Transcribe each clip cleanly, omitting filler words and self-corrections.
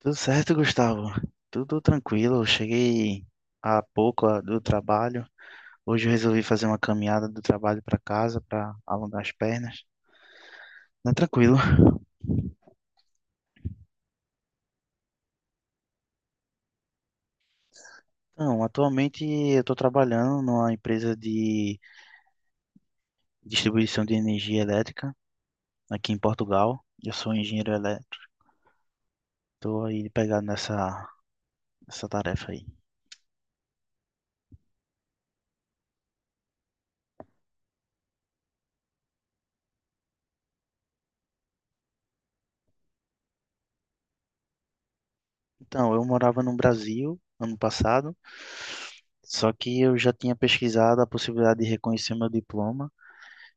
Tudo certo, Gustavo? Tudo tranquilo. Eu cheguei há pouco do trabalho. Hoje eu resolvi fazer uma caminhada do trabalho para casa para alongar as pernas. Tá tranquilo. Então, atualmente eu estou trabalhando numa empresa de distribuição de energia elétrica aqui em Portugal. Eu sou engenheiro elétrico. Estou aí pegado nessa tarefa aí. Então, eu morava no Brasil ano passado, só que eu já tinha pesquisado a possibilidade de reconhecer meu diploma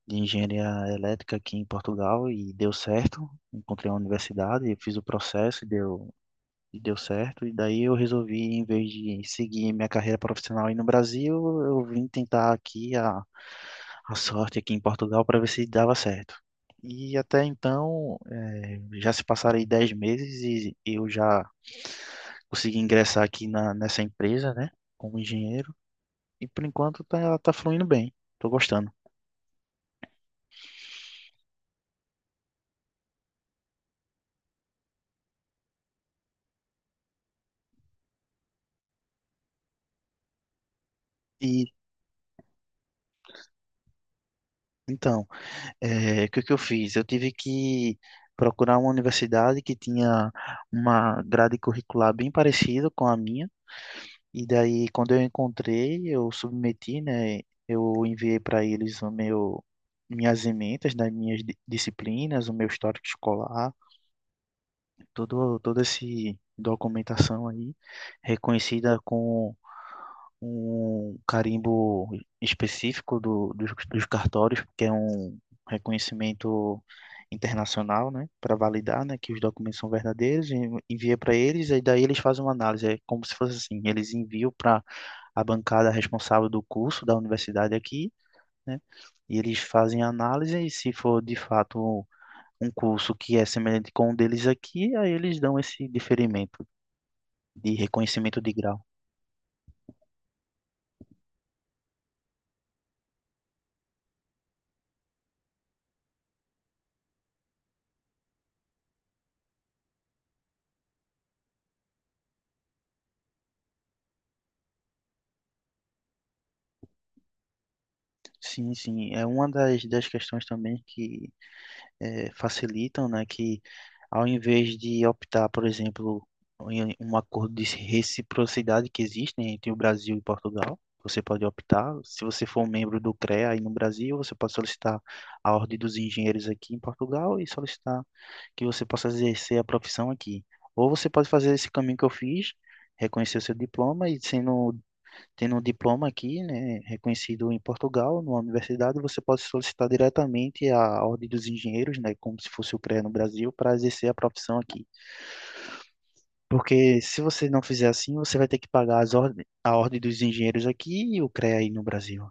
de engenharia elétrica aqui em Portugal e deu certo. Encontrei uma universidade, eu fiz o processo e deu certo. E daí eu resolvi, em vez de seguir minha carreira profissional aí no Brasil, eu vim tentar aqui a sorte aqui em Portugal para ver se dava certo. E até então, já se passaram aí 10 meses e eu já consegui ingressar aqui nessa empresa, né, como engenheiro. E por enquanto tá fluindo bem, tô gostando. E então, É, o que que eu fiz? Eu tive que procurar uma universidade que tinha uma grade curricular bem parecida com a minha, e daí quando eu encontrei, eu submeti, né? Eu enviei para eles o meu minhas ementas das minhas disciplinas, o meu histórico escolar, todo toda essa documentação aí reconhecida com um carimbo específico dos cartórios, que é um reconhecimento internacional, né, para validar, né, que os documentos são verdadeiros, e envia para eles, e daí eles fazem uma análise, é como se fosse assim, eles enviam para a bancada responsável do curso da universidade aqui, né, e eles fazem a análise, e se for de fato um curso que é semelhante com o deles aqui, aí eles dão esse diferimento de reconhecimento de grau. Sim, sim. É uma das questões também que facilitam, né? Que, ao invés de optar, por exemplo, em um acordo de reciprocidade que existe, né, entre o Brasil e Portugal, você pode optar, se você for um membro do CREA aí no Brasil, você pode solicitar a Ordem dos Engenheiros aqui em Portugal e solicitar que você possa exercer a profissão aqui. Ou você pode fazer esse caminho que eu fiz, reconhecer o seu diploma e sendo, tendo um diploma aqui, né, reconhecido em Portugal, numa universidade, você pode solicitar diretamente a Ordem dos Engenheiros, né, como se fosse o CREA no Brasil, para exercer a profissão aqui. Porque se você não fizer assim, você vai ter que pagar a Ordem dos Engenheiros aqui e o CREA aí no Brasil.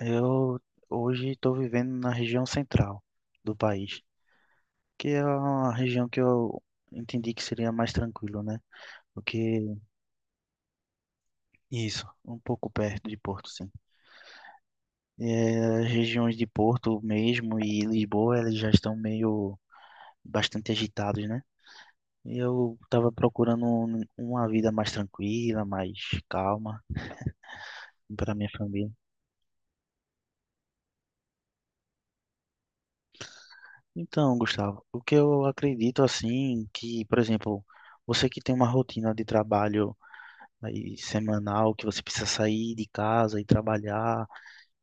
Eu hoje estou vivendo na região central do país, que é uma região que eu entendi que seria mais tranquilo, né? Porque isso, um pouco perto de Porto, sim. É, as regiões de Porto mesmo e Lisboa, elas já estão meio bastante agitados, né? E eu estava procurando uma vida mais tranquila, mais calma para minha família. Então, Gustavo, o que eu acredito assim, que, por exemplo, você que tem uma rotina de trabalho aí semanal, que você precisa sair de casa e trabalhar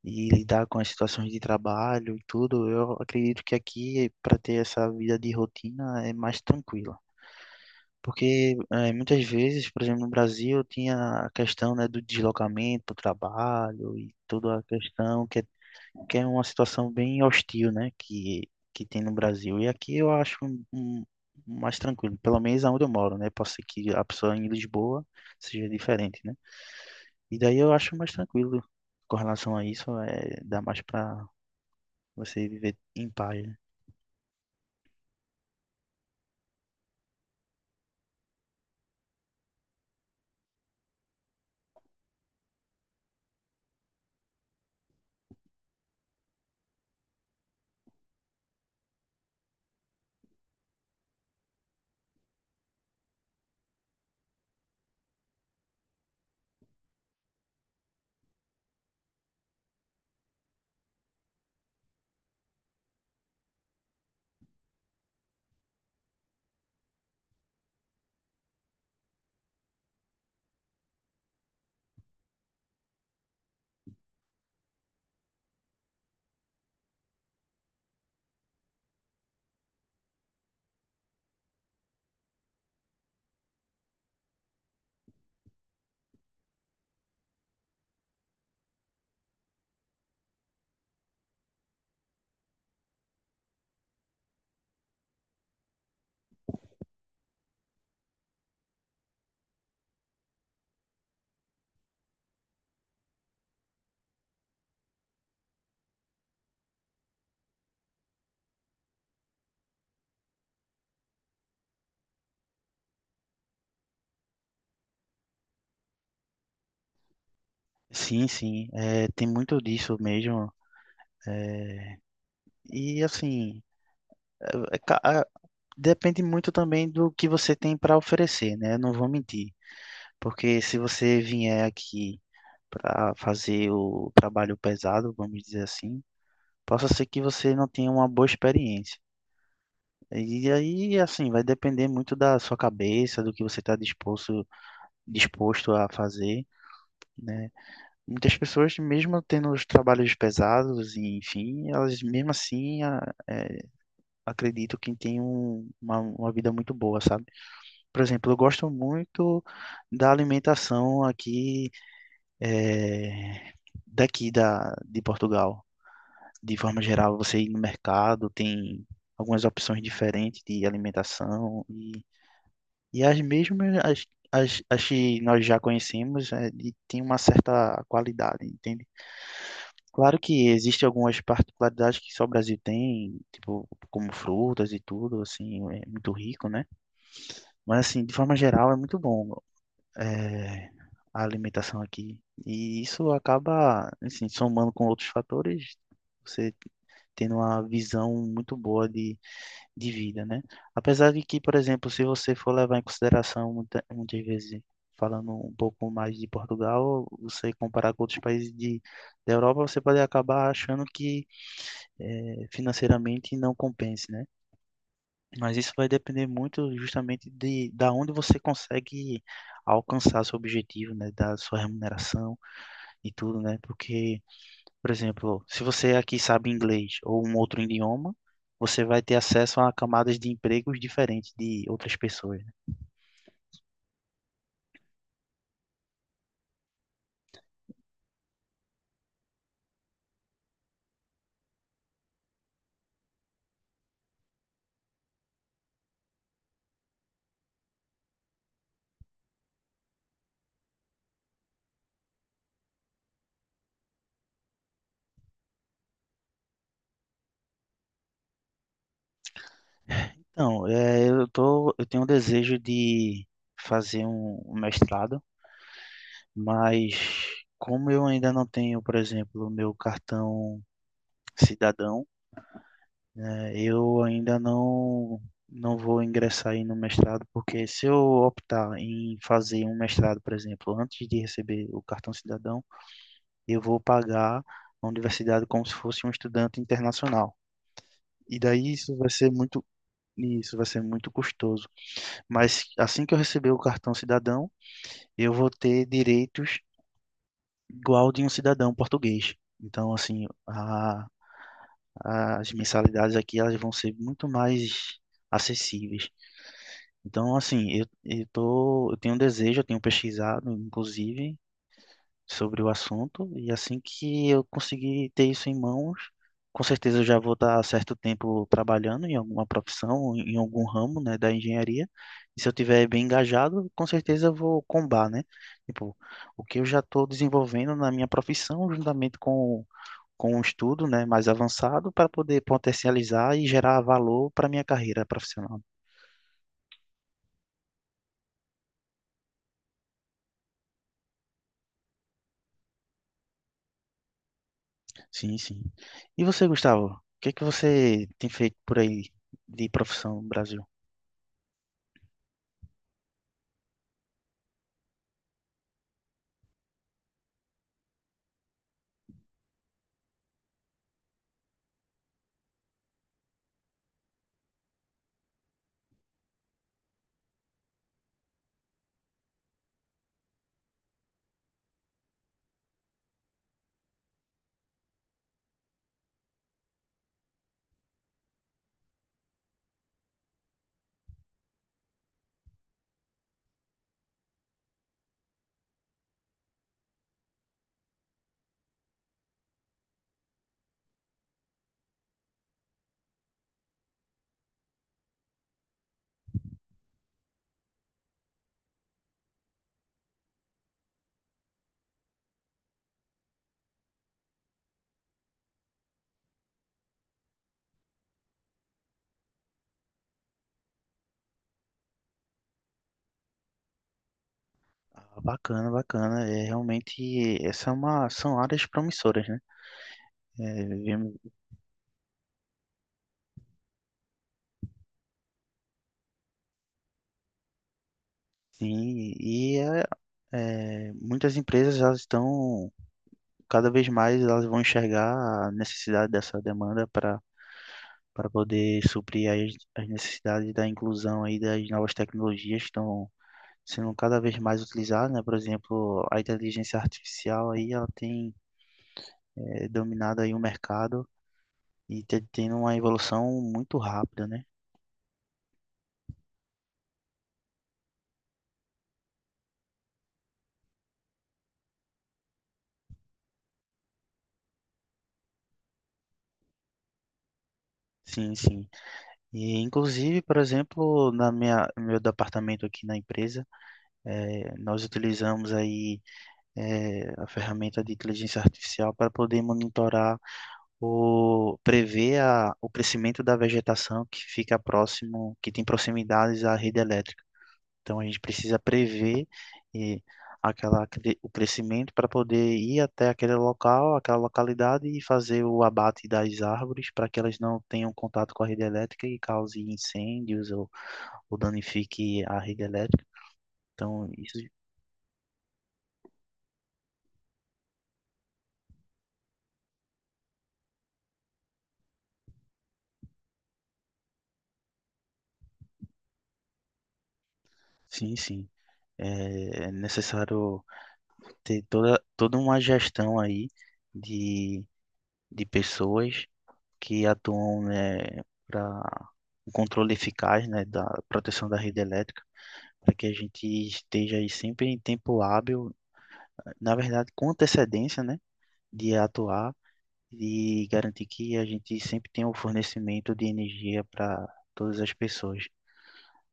e lidar com as situações de trabalho e tudo, eu acredito que aqui, para ter essa vida de rotina, é mais tranquila. Porque muitas vezes, por exemplo, no Brasil, tinha a questão, né, do deslocamento para o trabalho e toda a questão que é uma situação bem hostil, né, que tem no Brasil. E aqui eu acho mais tranquilo, pelo menos aonde eu moro, né? Pode ser que a pessoa em Lisboa seja diferente, né? E daí eu acho mais tranquilo com relação a isso, é, dá mais para você viver em paz, né? Sim, sim, é, tem muito disso mesmo. E assim, é, é ca- a- depende muito também do que você tem para oferecer, né? Não vou mentir, porque se você vier aqui para fazer o trabalho pesado, vamos dizer assim, possa ser que você não tenha uma boa experiência. E aí, assim, vai depender muito da sua cabeça, do que você está disposto a fazer, né? Muitas pessoas, mesmo tendo os trabalhos pesados, e, enfim, elas mesmo acredito que têm uma vida muito boa, sabe? Por exemplo, eu gosto muito da alimentação aqui, eh, daqui de Portugal. De forma geral, você ir no mercado, tem algumas opções diferentes de alimentação e as mesmas as que nós já conhecemos, e tem uma certa qualidade, entende? Claro que existem algumas particularidades que só o Brasil tem, tipo, como frutas e tudo, assim, é muito rico, né? Mas, assim, de forma geral, é muito bom, é, a alimentação aqui. E isso acaba, assim, somando com outros fatores, você tendo uma visão muito boa de vida, né? Apesar de que, por exemplo, se você for levar em consideração, muitas vezes, falando um pouco mais de Portugal, você comparar com outros países da Europa, você pode acabar achando que financeiramente não compense, né? Mas isso vai depender muito justamente de da onde você consegue alcançar seu objetivo, né? Da sua remuneração e tudo, né? Porque, por exemplo, se você aqui sabe inglês ou um outro idioma, você vai ter acesso a camadas de empregos diferentes de outras pessoas, né? Então, eu tô, eu tenho um desejo de fazer um mestrado, mas como eu ainda não tenho, por exemplo, o meu cartão cidadão, né? Eu ainda não vou ingressar aí no mestrado, porque se eu optar em fazer um mestrado, por exemplo, antes de receber o cartão cidadão, eu vou pagar a universidade como se fosse um estudante internacional. E daí isso vai ser muito custoso. Mas assim que eu receber o cartão cidadão, eu vou ter direitos igual de um cidadão português. Então, assim, a, as mensalidades aqui elas vão ser muito mais acessíveis. Então, assim, eu tô, eu tenho um desejo, eu tenho pesquisado, inclusive, sobre o assunto, e assim que eu conseguir ter isso em mãos, com certeza eu já vou estar há certo tempo trabalhando em alguma profissão, em algum ramo, né, da engenharia, e se eu tiver bem engajado, com certeza eu vou combar, né? Tipo, o que eu já estou desenvolvendo na minha profissão, juntamente com um estudo, né, mais avançado, para poder potencializar e gerar valor para minha carreira profissional. Sim, sim. E você, Gustavo, o que é que você tem feito por aí de profissão no Brasil? Ah, bacana, bacana. É realmente, essa é uma, são áreas promissoras, né? É, sim, e é, é, muitas empresas elas estão cada vez mais elas vão enxergar a necessidade dessa demanda para para poder suprir aí as necessidades da inclusão aí das novas tecnologias que estão sendo cada vez mais utilizadas, né? Por exemplo, a inteligência artificial aí ela tem dominado aí o mercado e tendo uma evolução muito rápida, né? Sim, sim. E inclusive, por exemplo, na minha no meu departamento aqui na empresa, nós utilizamos aí a ferramenta de inteligência artificial para poder monitorar o prever o crescimento da vegetação que fica próximo, que tem proximidades à rede elétrica. Então a gente precisa prever e o crescimento para poder ir até aquele local, aquela localidade e fazer o abate das árvores para que elas não tenham contato com a rede elétrica e cause incêndios ou danifique a rede elétrica. Então isso, sim, sim, é é necessário ter toda uma gestão aí de, de pessoas que atuam, né, para um controle eficaz, né, da proteção da rede elétrica, para que a gente esteja aí sempre em tempo hábil, na verdade, com antecedência, né, de atuar e garantir que a gente sempre tenha o fornecimento de energia para todas as pessoas.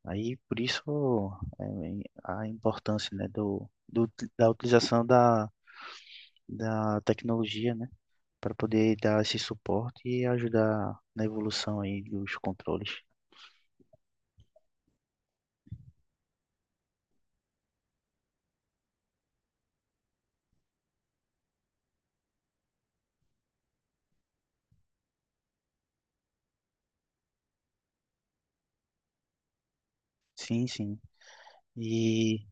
Aí, por isso, é, a importância, né, da utilização da tecnologia, né, para poder dar esse suporte e ajudar na evolução aí dos controles. Sim, sim. E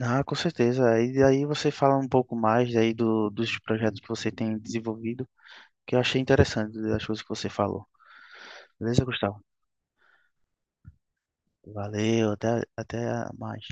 ah, com certeza. E aí você fala um pouco mais aí do, dos projetos que você tem desenvolvido, que eu achei interessante das coisas que você falou. Beleza, Gustavo? Valeu, até mais.